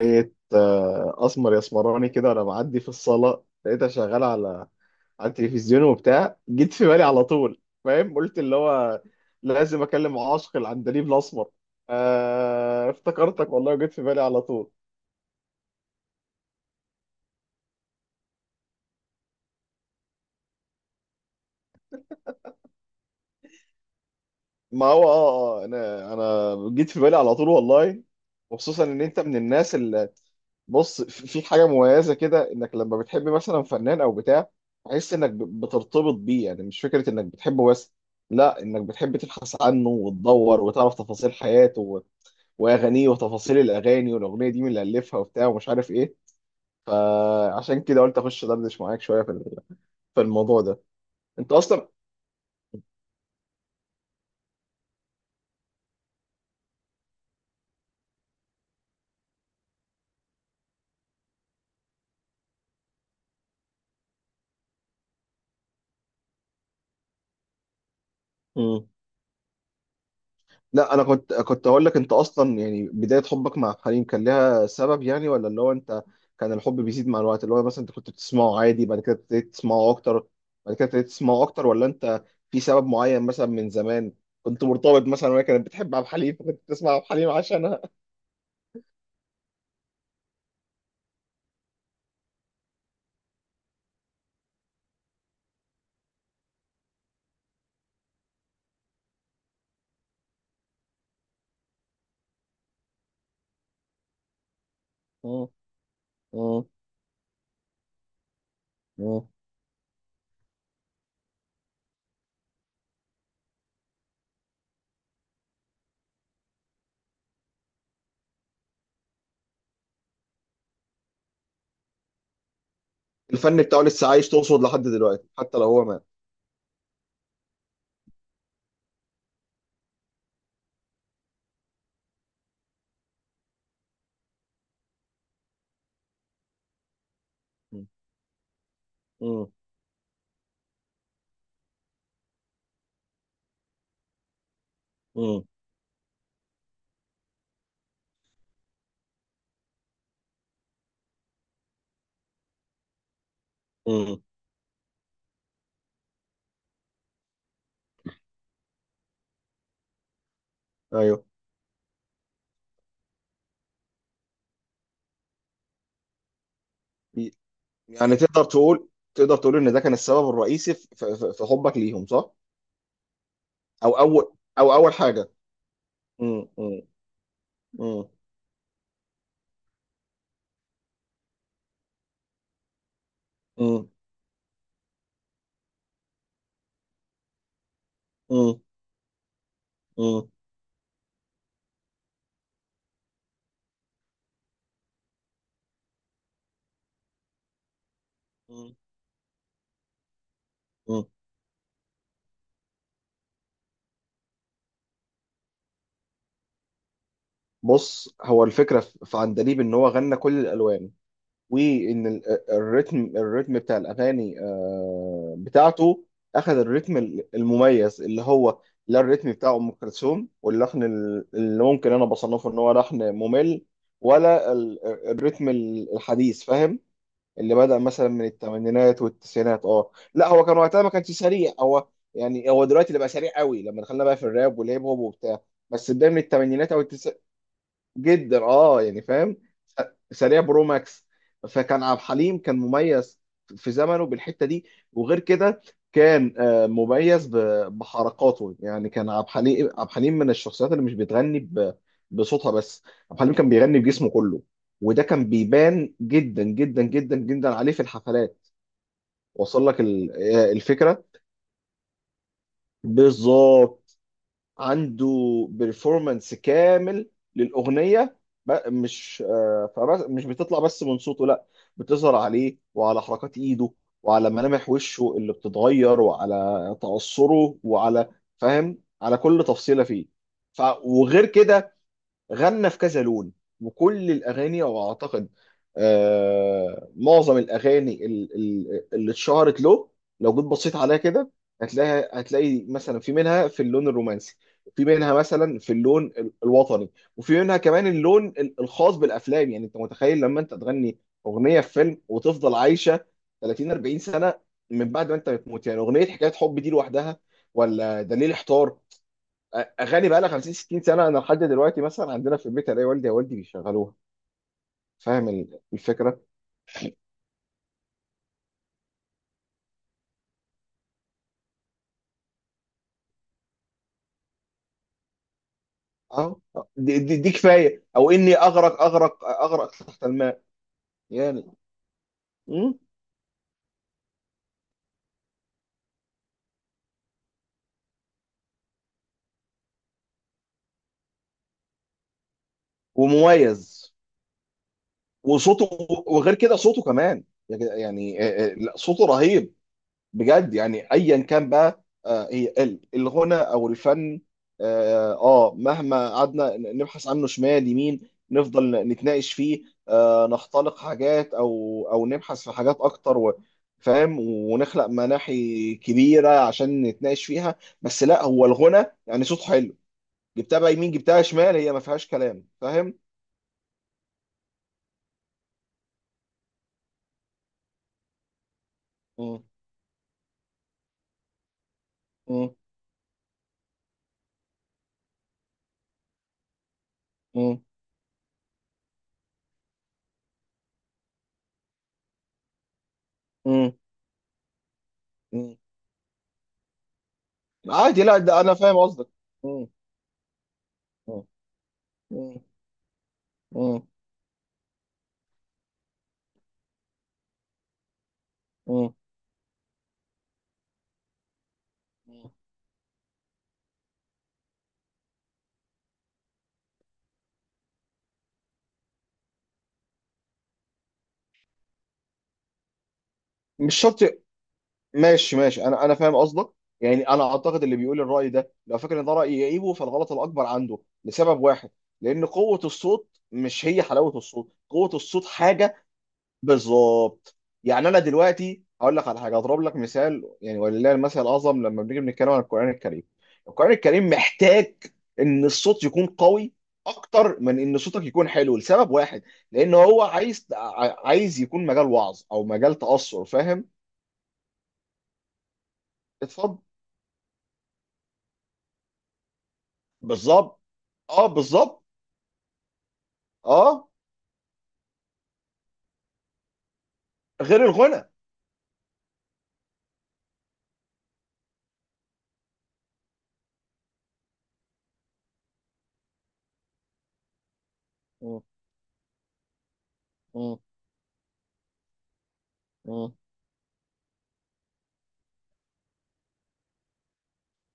لقيت اسمر يا اسمراني كده، وانا معدي في الصاله لقيتها شغاله على التلفزيون وبتاع، جيت في بالي على طول. فاهم؟ قلت اللي هو لازم اكلم عاشق العندليب الاسمر. آه، افتكرتك والله وجيت في بالي على طول. ما هو انا جيت في بالي على طول والله، وخصوصا ان انت من الناس. بص، في حاجه مميزه كده، انك لما بتحب مثلا فنان او بتاع، تحس انك بترتبط بيه، يعني مش فكره انك بتحبه بس، لا، انك بتحب تبحث عنه وتدور وتعرف تفاصيل حياته واغانيه وتفاصيل الاغاني، والاغنيه دي مين اللي الفها وبتاع ومش عارف ايه. فعشان كده قلت اخش دردش معاك شويه في الموضوع ده. انت اصلا. مم. لا، انا كنت اقول لك، انت اصلا يعني بدايه حبك مع حليم كان لها سبب، يعني ولا اللي هو انت كان الحب بيزيد مع الوقت، اللي هو مثلا انت كنت بتسمعه عادي بعد كده ابتديت تسمعه اكتر، بعد كده ابتديت تسمعه اكتر؟ ولا انت في سبب معين مثلا، من زمان كنت مرتبط مثلا وهي كانت بتحب عبد الحليم فكنت بتسمع عبد الحليم عشانها؟ مم. مم. مم. الفن بتاعه لسه عايش، تقصد لحد دلوقتي حتى لو هو مات؟ مم. مم. مم. مم. ايوه. يعني تقدر تقول ان ده كان السبب الرئيسي في حبك ليهم، صح؟ او اول حاجه. مم، مم، مم، مم، مم، مم، مم. مم. بص، هو الفكره في عندليب ان هو غنى كل الالوان، وان الريتم بتاع الاغاني بتاعته، اخذ الريتم المميز اللي هو، لا، الريتم بتاع ام كلثوم واللحن اللي ممكن انا بصنفه ان هو لحن ممل، ولا الريتم الحديث. فاهم؟ اللي بدأ مثلا من الثمانينات والتسعينات. اه، لا، هو كان وقتها ما كانش سريع، هو يعني هو دلوقتي اللي بقى سريع قوي، لما دخلنا بقى في الراب والهيب هوب وبتاع. بس بداية من الثمانينات او جدا، يعني فاهم؟ س- سريع برو ماكس. فكان عبد الحليم كان مميز في زمنه بالحته دي، وغير كده كان مميز بحركاته. يعني كان عبد الحليم، عبد الحليم من الشخصيات اللي مش بتغني بصوتها بس. عبد الحليم كان بيغني بجسمه كله، وده كان بيبان جدا جدا جدا جدا عليه في الحفلات. وصل لك الفكره؟ بالظبط. عنده بيرفورمانس كامل للاغنيه، مش فبس مش بتطلع بس من صوته، لا، بتظهر عليه وعلى حركات ايده وعلى ملامح وشه اللي بتتغير وعلى تعصره وعلى، فاهم، على كل تفصيله فيه. وغير كده، غنى في كذا لون، وكل الاغاني، او اعتقد معظم الاغاني اللي اتشهرت له لو جيت بصيت عليها كده، هتلاقي مثلا في منها في اللون الرومانسي، وفي منها مثلا في اللون الوطني، وفي منها كمان اللون الخاص بالافلام. يعني انت متخيل لما انت تغني اغنيه في فيلم وتفضل عايشه 30 40 سنه من بعد ما انت بتموت؟ يعني اغنيه حكايه حب دي لوحدها، ولا دليل احتار؟ اغاني بقى لها 50 60 سنه، انا لحد دلوقتي مثلا عندنا في البيت الاقي والدي يا والدي بيشغلوها. فاهم الفكره؟ اه. دي كفايه، او اني اغرق اغرق اغرق تحت الماء، يعني. مم. ومميز، وصوته. وغير كده صوته كمان، يعني لا، صوته رهيب بجد. يعني ايا كان بقى، هي الغنى او الفن، مهما قعدنا نبحث عنه شمال يمين، نفضل نتناقش فيه، نختلق حاجات، او نبحث في حاجات اكتر فاهم، ونخلق مناحي كبيره عشان نتناقش فيها. بس لا، هو الغنى يعني صوت حلو، جبتها بقى يمين جبتها شمال، هي ما فيهاش كلام. فاهم؟ مم، مم، مم، مم، مم. عادي، لا، ده انا فاهم قصدك. مم، مم، مم، مم. مش شرط. ماشي ماشي، انا فاهم قصدك. يعني انا اعتقد اللي بيقول الراي ده لو فاكر ان ده راي يعيبه، فالغلط الاكبر عنده، لسبب واحد، لان قوه الصوت مش هي حلاوه الصوت، قوه الصوت حاجه. بالظبط. يعني انا دلوقتي هقول لك على حاجه، اضرب لك مثال، يعني ولله المثل الاعظم، لما بنيجي بنتكلم عن القران الكريم، القران الكريم محتاج ان الصوت يكون قوي اكتر من ان صوتك يكون حلو، لسبب واحد، لان هو عايز، عايز يكون مجال وعظ او مجال تاثر. فاهم؟ اتفضل. بالظبط، اه، بالظبط. اه، غير الغنى. م- م- م.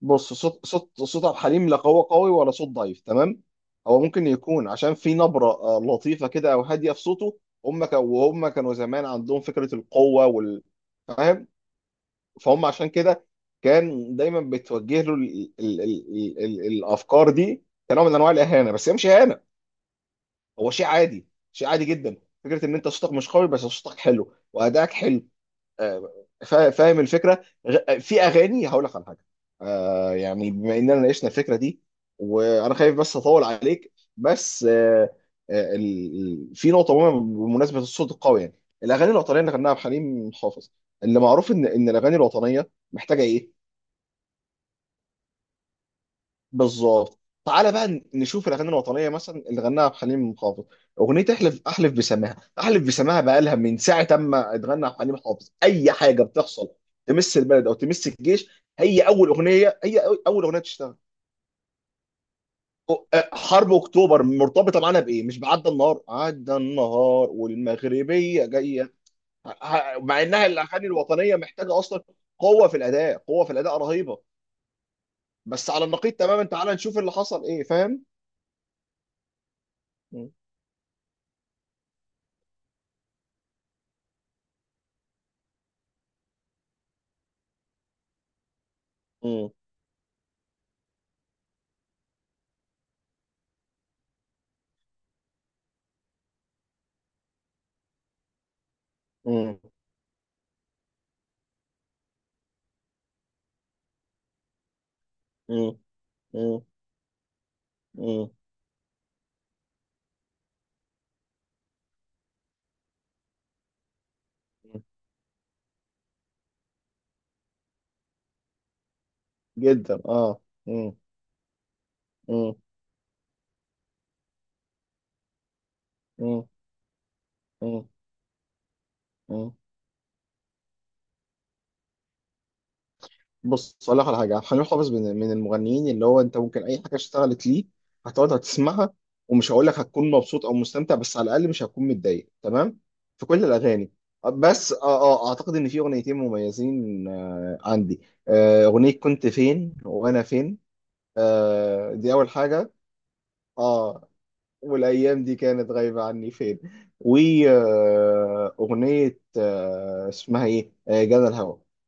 بص، صوت صوت عبد الحليم لا قوي قوي ولا صوت ضعيف، تمام. هو ممكن يكون عشان في نبرة لطيفة كده او هادية في صوته. هم كانوا وهم كانوا زمان عندهم فكرة القوة وال، فاهم؟ فهم عشان كده كان دايما بتوجه له الافكار دي، كنوع من انواع الاهانة، بس هي مش اهانة، هو شيء عادي، شيء عادي جدا. فكرة ان انت صوتك مش قوي بس صوتك حلو وادائك حلو. آه، فاهم الفكره؟ في اغاني هقول لك على حاجه. يعني بما اننا ناقشنا الفكره دي، وانا خايف بس اطول عليك، بس آه، ال- في نقطه مهمه بمناسبه الصوت القوي. يعني الاغاني الوطنيه اللي غناها بحليم حافظ، اللي معروف ان الاغاني الوطنيه محتاجه ايه؟ بالظبط. تعالى بقى نشوف الاغاني الوطنيه مثلا اللي غناها عبد الحليم حافظ. اغنيه احلف احلف بسماها، احلف بسماها بقى لها من ساعه اما اتغنى عبد الحليم حافظ، اي حاجه بتحصل تمس البلد او تمس الجيش، هي اول اغنيه. هي اول اغنيه تشتغل. حرب اكتوبر مرتبطه معانا بايه؟ مش بعدى النهار، عدى النهار والمغربيه جايه. مع انها الاغاني الوطنيه محتاجه اصلا قوه في الاداء، قوه في الاداء رهيبه، بس على النقيض تماما، تعالى نشوف اللي حصل ايه. فاهم؟ مم. مم. مم. مم. مم. جدا، اه. مم. مم. مم. مم. مم. بص، اقول لك على حاجه. عبد الحليم حافظ من المغنيين اللي هو انت ممكن اي حاجه اشتغلت ليه هتقعد هتسمعها، ومش هقول لك هتكون مبسوط او مستمتع، بس على الاقل مش هتكون متضايق، تمام، في كل الاغاني. بس اه اعتقد ان في اغنيتين مميزين عندي. اغنيه كنت فين وانا فين، دي اول حاجه. اه، والأيام دي كانت غايبة عني فين. وأغنية اسمها إيه، جنى الهوى.